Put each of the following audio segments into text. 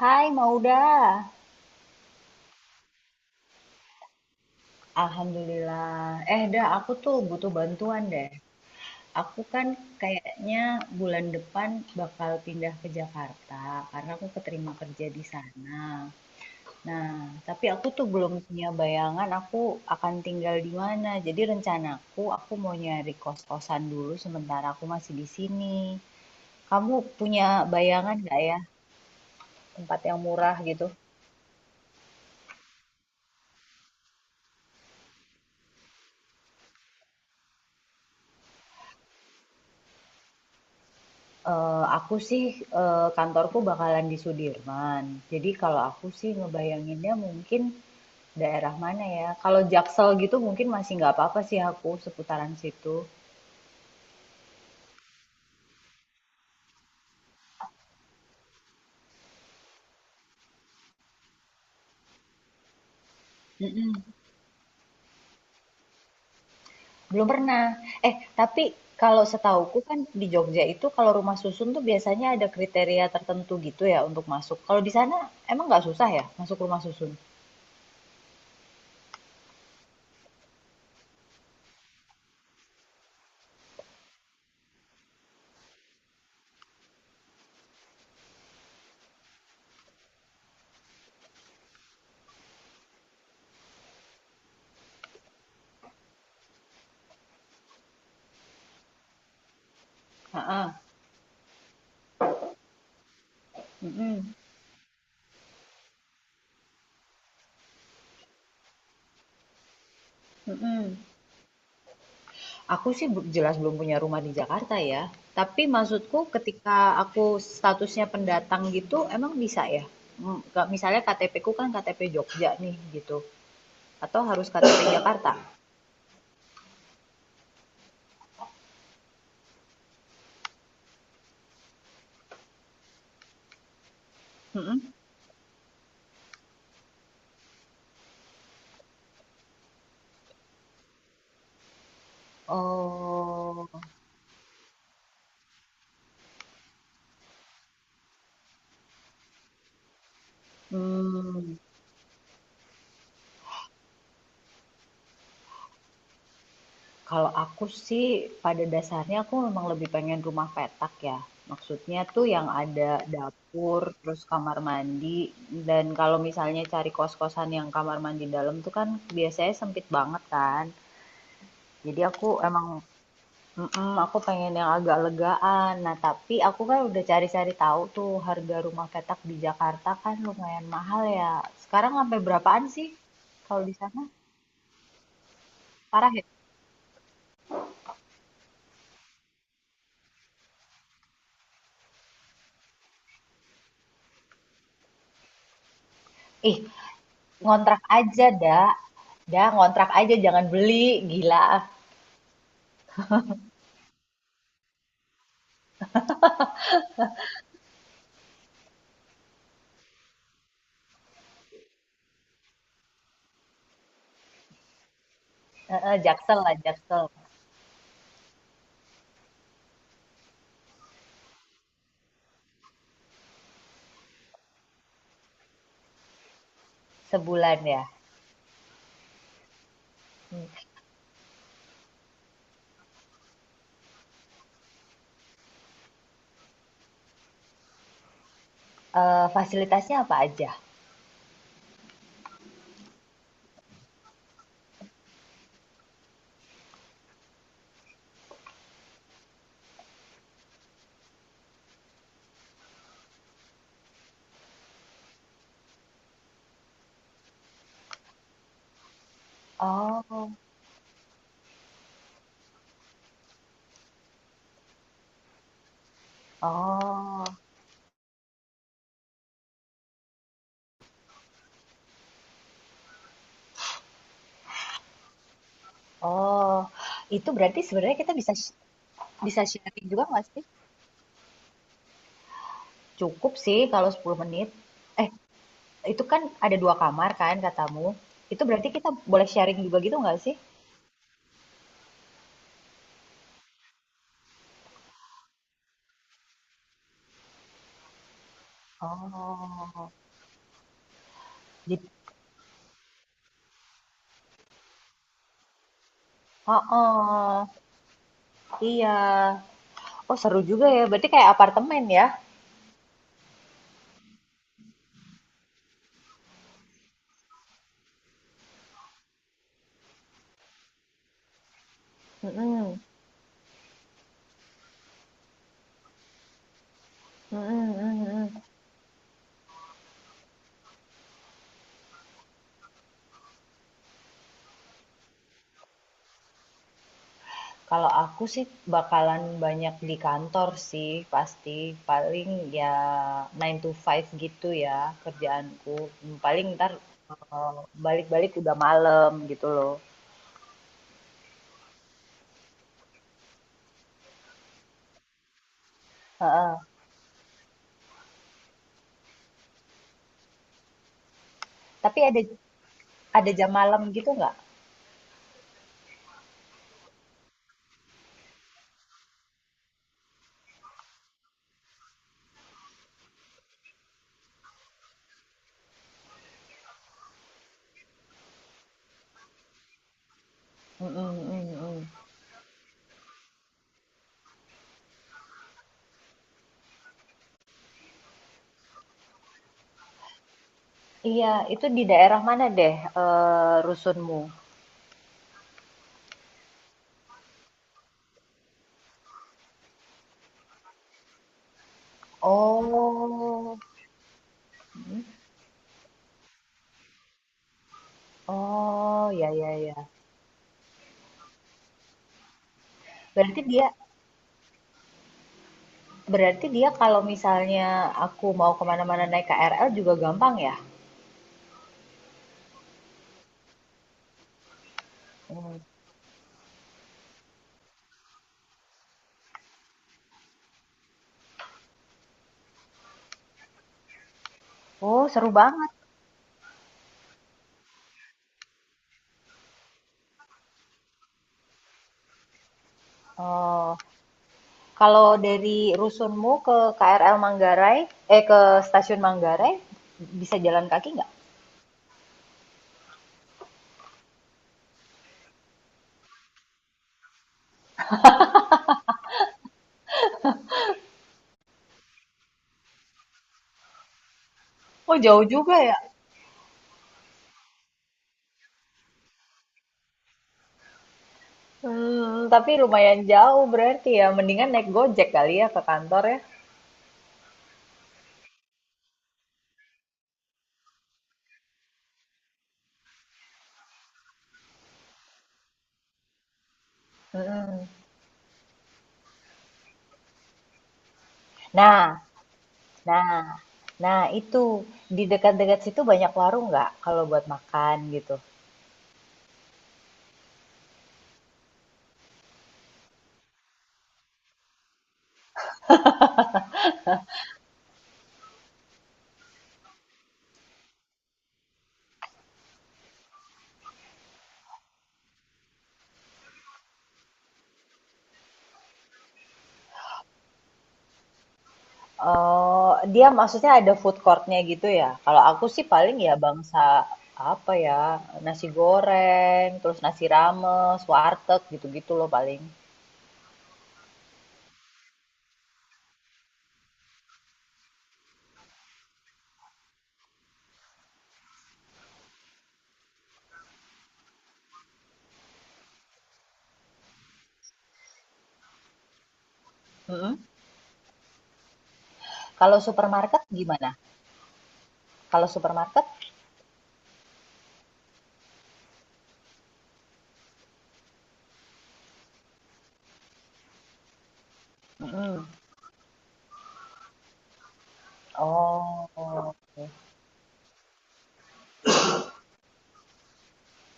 Hai Mauda, Alhamdulillah. Eh dah, aku tuh butuh bantuan deh. Aku kan kayaknya bulan depan bakal pindah ke Jakarta karena aku keterima kerja di sana. Nah, tapi aku tuh belum punya bayangan aku akan tinggal di mana. Jadi rencanaku aku mau nyari kos-kosan dulu sementara aku masih di sini. Kamu punya bayangan nggak ya tempat yang murah gitu? Aku sih, kantorku bakalan di Sudirman. Jadi kalau aku sih ngebayanginnya mungkin daerah mana ya, kalau Jaksel gitu mungkin masih nggak apa-apa sih aku seputaran situ. Mhm, belum pernah. Eh, tapi kalau setauku kan di Jogja itu kalau rumah susun tuh biasanya ada kriteria tertentu gitu ya untuk masuk. Kalau di sana emang nggak susah ya masuk rumah susun? Heeh, mhm, mhm. Aku sih jelas belum punya rumah di Jakarta ya. Tapi maksudku ketika aku statusnya pendatang gitu, emang bisa ya? Misalnya KTP ku kan KTP Jogja nih gitu. Atau harus KTP Jakarta? Mm-mm. Oh, hmm. Kalau aku sih pada dasarnya aku memang lebih pengen rumah petak ya. Maksudnya tuh yang ada dapur, terus kamar mandi, dan kalau misalnya cari kos-kosan yang kamar mandi dalam tuh kan biasanya sempit banget kan. Jadi aku emang mhm, aku pengen yang agak legaan. Nah, tapi aku kan udah cari-cari tahu tuh harga rumah petak di Jakarta kan lumayan mahal ya. Sekarang sampai berapaan sih kalau di sana? Parah ya? Ih, ngontrak aja dah. Dah, ngontrak aja jangan beli, gila. Heeh, Jaksel lah, Jaksel. Sebulan ya. Hmm. Eh, fasilitasnya apa aja? Oh, oh, oh. Itu berarti sebenarnya kita bisa bisa sharing juga nggak sih? Cukup sih kalau 10 menit. Eh, itu kan ada dua kamar kan katamu. Itu berarti kita boleh sharing juga gitu nggak sih? Oh, jadi, oh, oh, iya. Oh, seru juga ya. Berarti kayak apartemen ya? Mm-mm. Mm-mm, mm-mm. Kalau aku sih bakalan banyak di kantor sih, pasti. Paling ya 9 to 5 gitu ya kerjaanku. Paling ntar eh, balik-balik udah malam gitu loh. Heeh. Tapi ada jam malam gitu nggak? Mm-mm, mm-mm. Iya, itu di daerah mana deh rusunmu? Oh, hmm. Oh, ya ya ya. Berarti dia berarti dia kalau misalnya aku mau kemana-mana naik KRL juga gampang ya? Mm. Oh, seru banget. Oh, kalau dari rusunmu ke KRL Manggarai, ke stasiun Manggarai bisa jalan kaki nggak? Oh jauh juga ya. Tapi lumayan jauh berarti ya, mendingan naik Gojek kali ya ke kantor ya? Mhm. Nah nah nah itu, di dekat-dekat situ banyak warung nggak kalau buat makan gitu? Oh, dia maksudnya ada food courtnya gitu ya? Kalau aku sih paling ya bangsa, apa ya, nasi goreng, terus nasi rames, warteg, gitu-gitu loh paling. Mhm. Kalau supermarket gimana? Kalau supermarket? Mhm. Oh.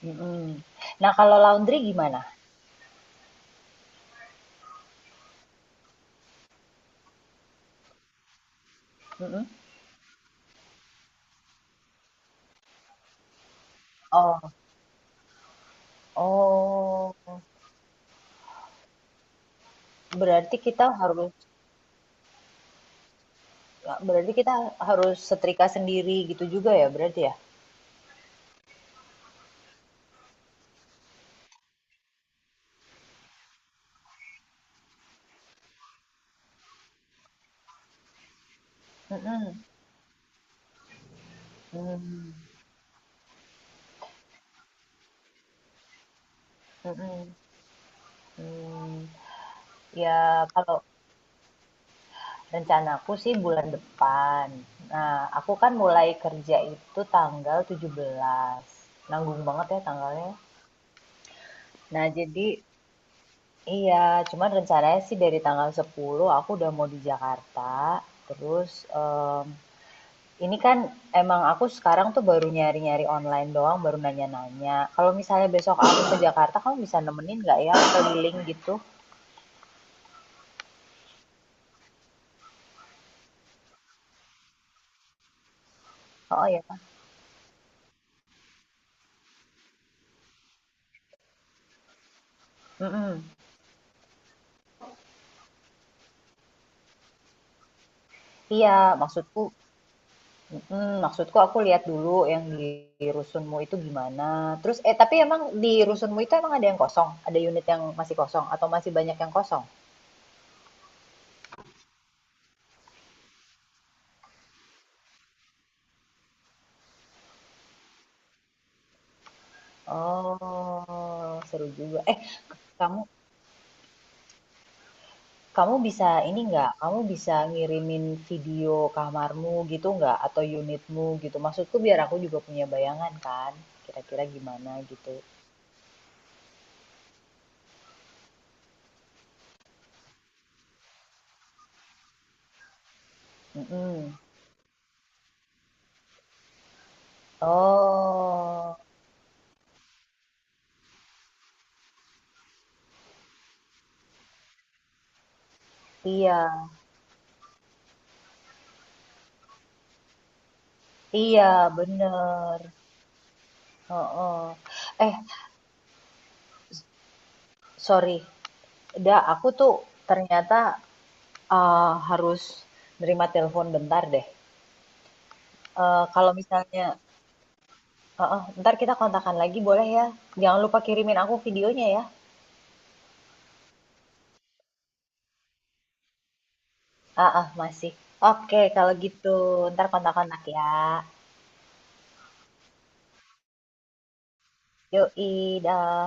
Mhm. Nah, kalau laundry gimana? Mhm. Oh oh, berarti kita harus berarti kita setrika sendiri gitu juga ya berarti ya? Mhm. Mmm, mhm, mmm, ya kalau rencanaku sih bulan depan. Nah, aku kan mulai kerja itu tanggal 17. Nanggung banget ya tanggalnya. Nah, jadi iya, cuman rencananya sih dari tanggal 10 aku udah mau di Jakarta. Terus ini kan emang aku sekarang tuh baru nyari-nyari online doang, baru nanya-nanya. Kalau misalnya besok aku ke Jakarta, kamu bisa nemenin nggak ya keliling gitu? Oh iya kan? Mm-mm. Iya, maksudku, mm-mm, maksudku aku lihat dulu yang di rusunmu itu gimana. Terus tapi emang di rusunmu itu emang ada yang kosong? Ada unit yang masih kosong atau masih banyak yang kosong? Oh, seru juga. Eh, Kamu kamu bisa ini nggak? Kamu bisa ngirimin video kamarmu gitu nggak? Atau unitmu gitu? Maksudku biar aku juga punya bayangan kan, kira-kira gimana gitu. Mm-mm. Oh, iya, iya bener. Heeh. Eh, sorry, Da, aku tuh ternyata eh, harus nerima telepon bentar deh. Eh, kalau misalnya, heeh, ntar kita kontakkan lagi boleh ya? Jangan lupa kirimin aku videonya ya. Ah ah, masih. Oke, kalau gitu ntar kontak-kontak ya. Yoi, dah.